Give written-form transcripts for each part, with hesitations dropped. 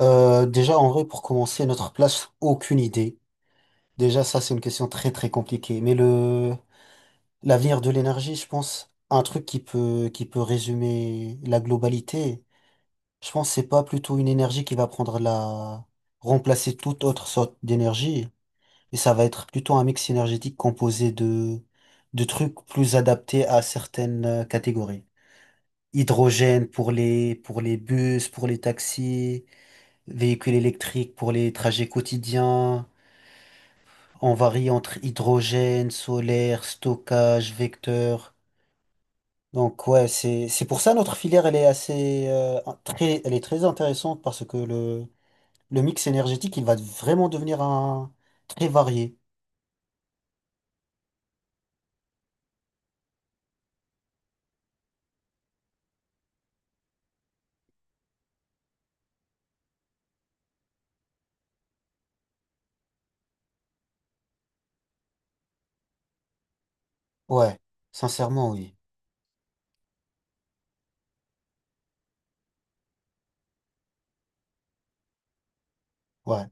Déjà, en vrai, pour commencer, notre place, aucune idée. Déjà, ça, c'est une question très, très compliquée. L'avenir de l'énergie, je pense, un truc qui peut résumer la globalité, je pense, c'est pas plutôt une énergie qui remplacer toute autre sorte d'énergie. Et ça va être plutôt un mix énergétique de trucs plus adaptés à certaines catégories. Hydrogène pour les bus, pour les taxis. Véhicules électriques pour les trajets quotidiens. On varie entre hydrogène, solaire, stockage, vecteur. Donc ouais, c'est pour ça notre filière elle est assez très elle est très intéressante parce que le mix énergétique il va vraiment devenir un très varié. Ouais, sincèrement oui. Ouais.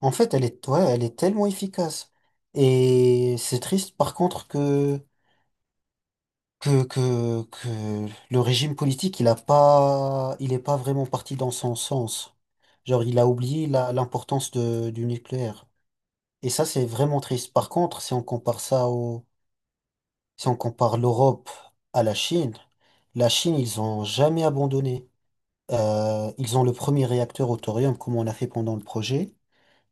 En fait, elle est ouais, elle est tellement efficace et c'est triste par contre que le régime politique, il est pas vraiment parti dans son sens. Genre, il a oublié l'importance du nucléaire. Et ça, c'est vraiment triste. Par contre, si on compare ça au, si on compare l'Europe à la Chine. La Chine, ils ont jamais abandonné. Ils ont le premier réacteur au thorium, comme on a fait pendant le projet.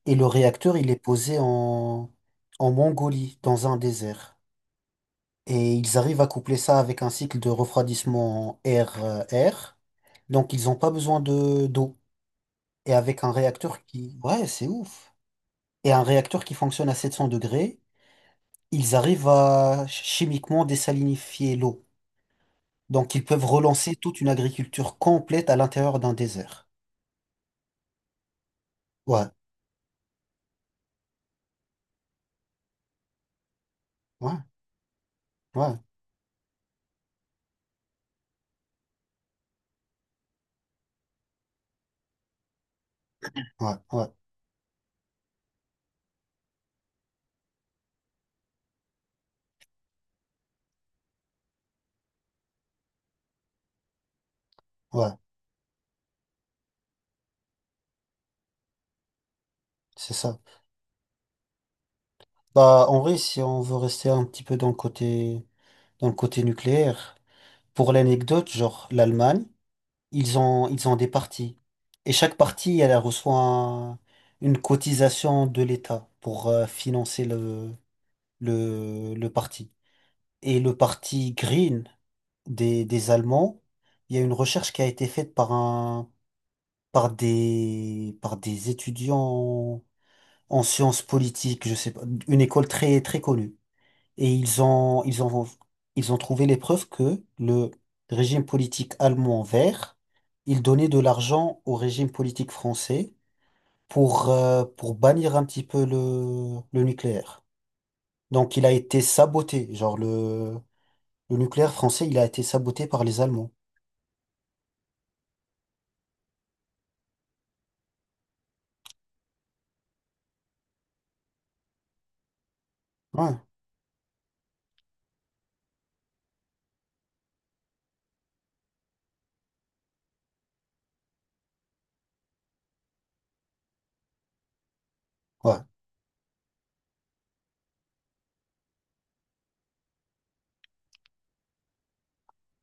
Et le réacteur, il est posé en, en Mongolie, dans un désert. Et ils arrivent à coupler ça avec un cycle de refroidissement air-air. Donc ils n'ont pas besoin de d'eau. Et avec un réacteur qui... Ouais, c'est ouf. Et un réacteur qui fonctionne à 700 degrés, ils arrivent à chimiquement désalinifier l'eau. Donc ils peuvent relancer toute une agriculture complète à l'intérieur d'un désert. Ouais, ouais, ouais, ouais, ouais, ouais, c'est ça. Bah en vrai, si on veut rester un petit peu dans le côté nucléaire. Pour l'anecdote, genre l'Allemagne, ils ont des partis. Et chaque parti, elle reçoit une cotisation de l'État pour financer le parti. Et le parti Green des Allemands, il y a une recherche qui a été faite par des étudiants en sciences politiques, je sais pas, une école très, très connue. Et ils ont trouvé les preuves que le régime politique allemand vert, il donnait de l'argent au régime politique français pour bannir un petit peu le nucléaire. Donc il a été saboté. Le nucléaire français, il a été saboté par les Allemands. Ouais, ouais,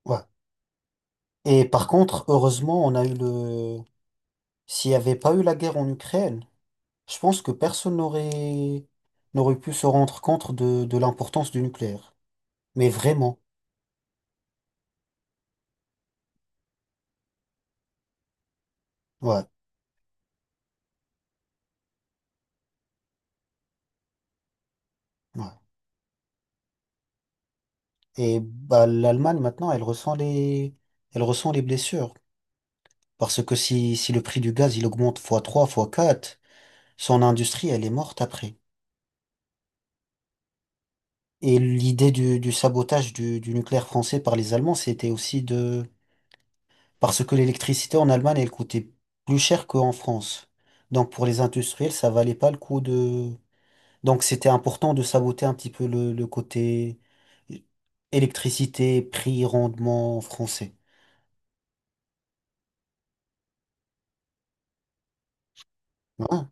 ouais. Et par contre, heureusement, on a eu le... S'il n'y avait pas eu la guerre en Ukraine, je pense que personne n'aurait n'aurait pu se rendre compte de l'importance du nucléaire. Mais vraiment, ouais, ouais. Et bah, l'Allemagne, maintenant, elle ressent les blessures. Parce que si le prix du gaz, il augmente fois 3, fois 4, son industrie, elle est morte après. Et l'idée du sabotage du nucléaire français par les Allemands, c'était aussi de... Parce que l'électricité en Allemagne, elle coûtait plus cher qu'en France. Donc pour les industriels, ça valait pas le coup de... Donc c'était important de saboter un petit peu le côté électricité, prix, rendement français. Ouais,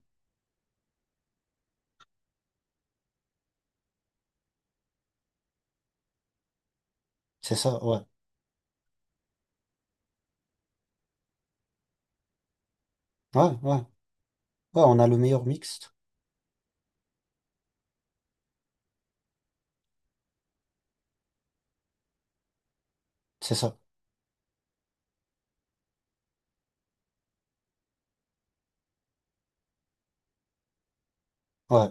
c'est ça, ouais. Ouais, ouais. Ouais, on a le meilleur mixte. C'est ça. Ouais.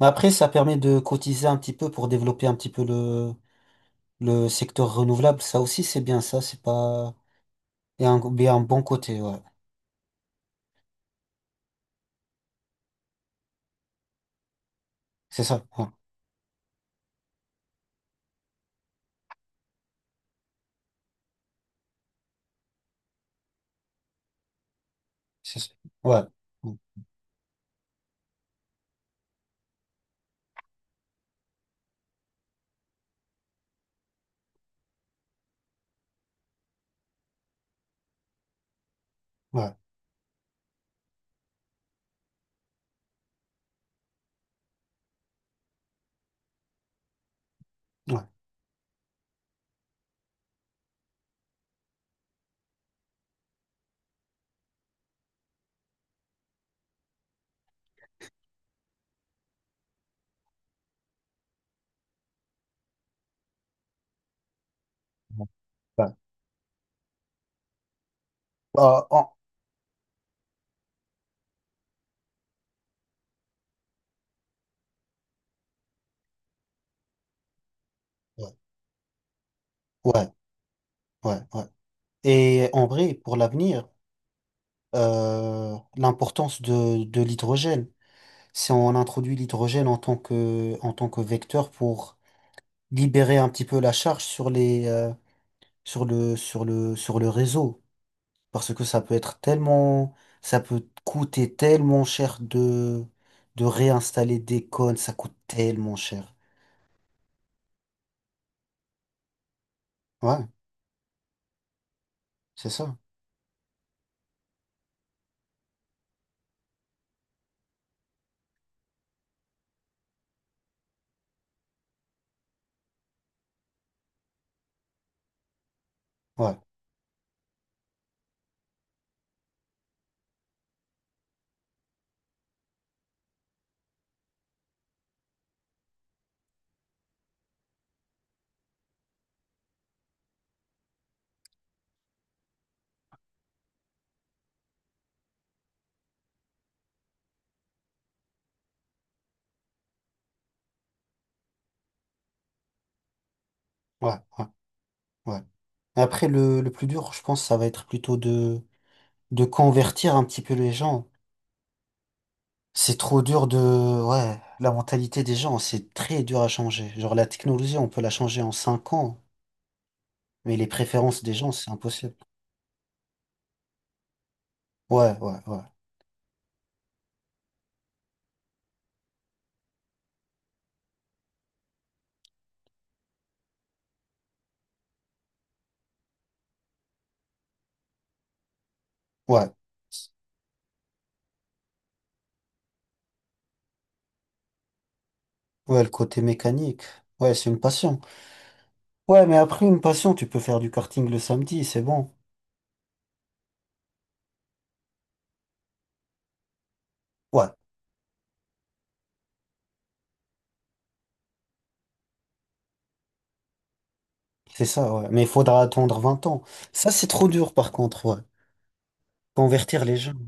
Mais après, ça permet de cotiser un petit peu pour développer un petit peu le secteur renouvelable. Ça aussi, c'est bien ça. C'est pas. Et un bon côté, ouais. C'est ça. Ouais. C'est ça. Ouais. Ouais. Ouais. Ouais. Ouais. Bah, en- ouais. Ouais. Ouais. Ouais. Et en vrai, pour l'avenir, l'importance de l'hydrogène. Si on introduit l'hydrogène en tant que vecteur pour libérer un petit peu la charge sur les sur le réseau, parce que ça peut coûter tellement cher de réinstaller des cônes, ça coûte tellement cher. Ouais, c'est ça, ouais, ouais, ouais, ouais. Après le plus dur je pense ça va être plutôt de convertir un petit peu les gens. C'est trop dur de ouais, la mentalité des gens c'est très dur à changer, genre la technologie on peut la changer en 5 ans, mais les préférences des gens c'est impossible. Ouais, ouais, ouais. Ouais. Ouais, le côté mécanique. Ouais, c'est une passion. Ouais, mais après une passion, tu peux faire du karting le samedi, c'est bon. Ouais, c'est ça, ouais. Mais il faudra attendre 20 ans. Ça, c'est trop dur, par contre, ouais. Convertir les gens.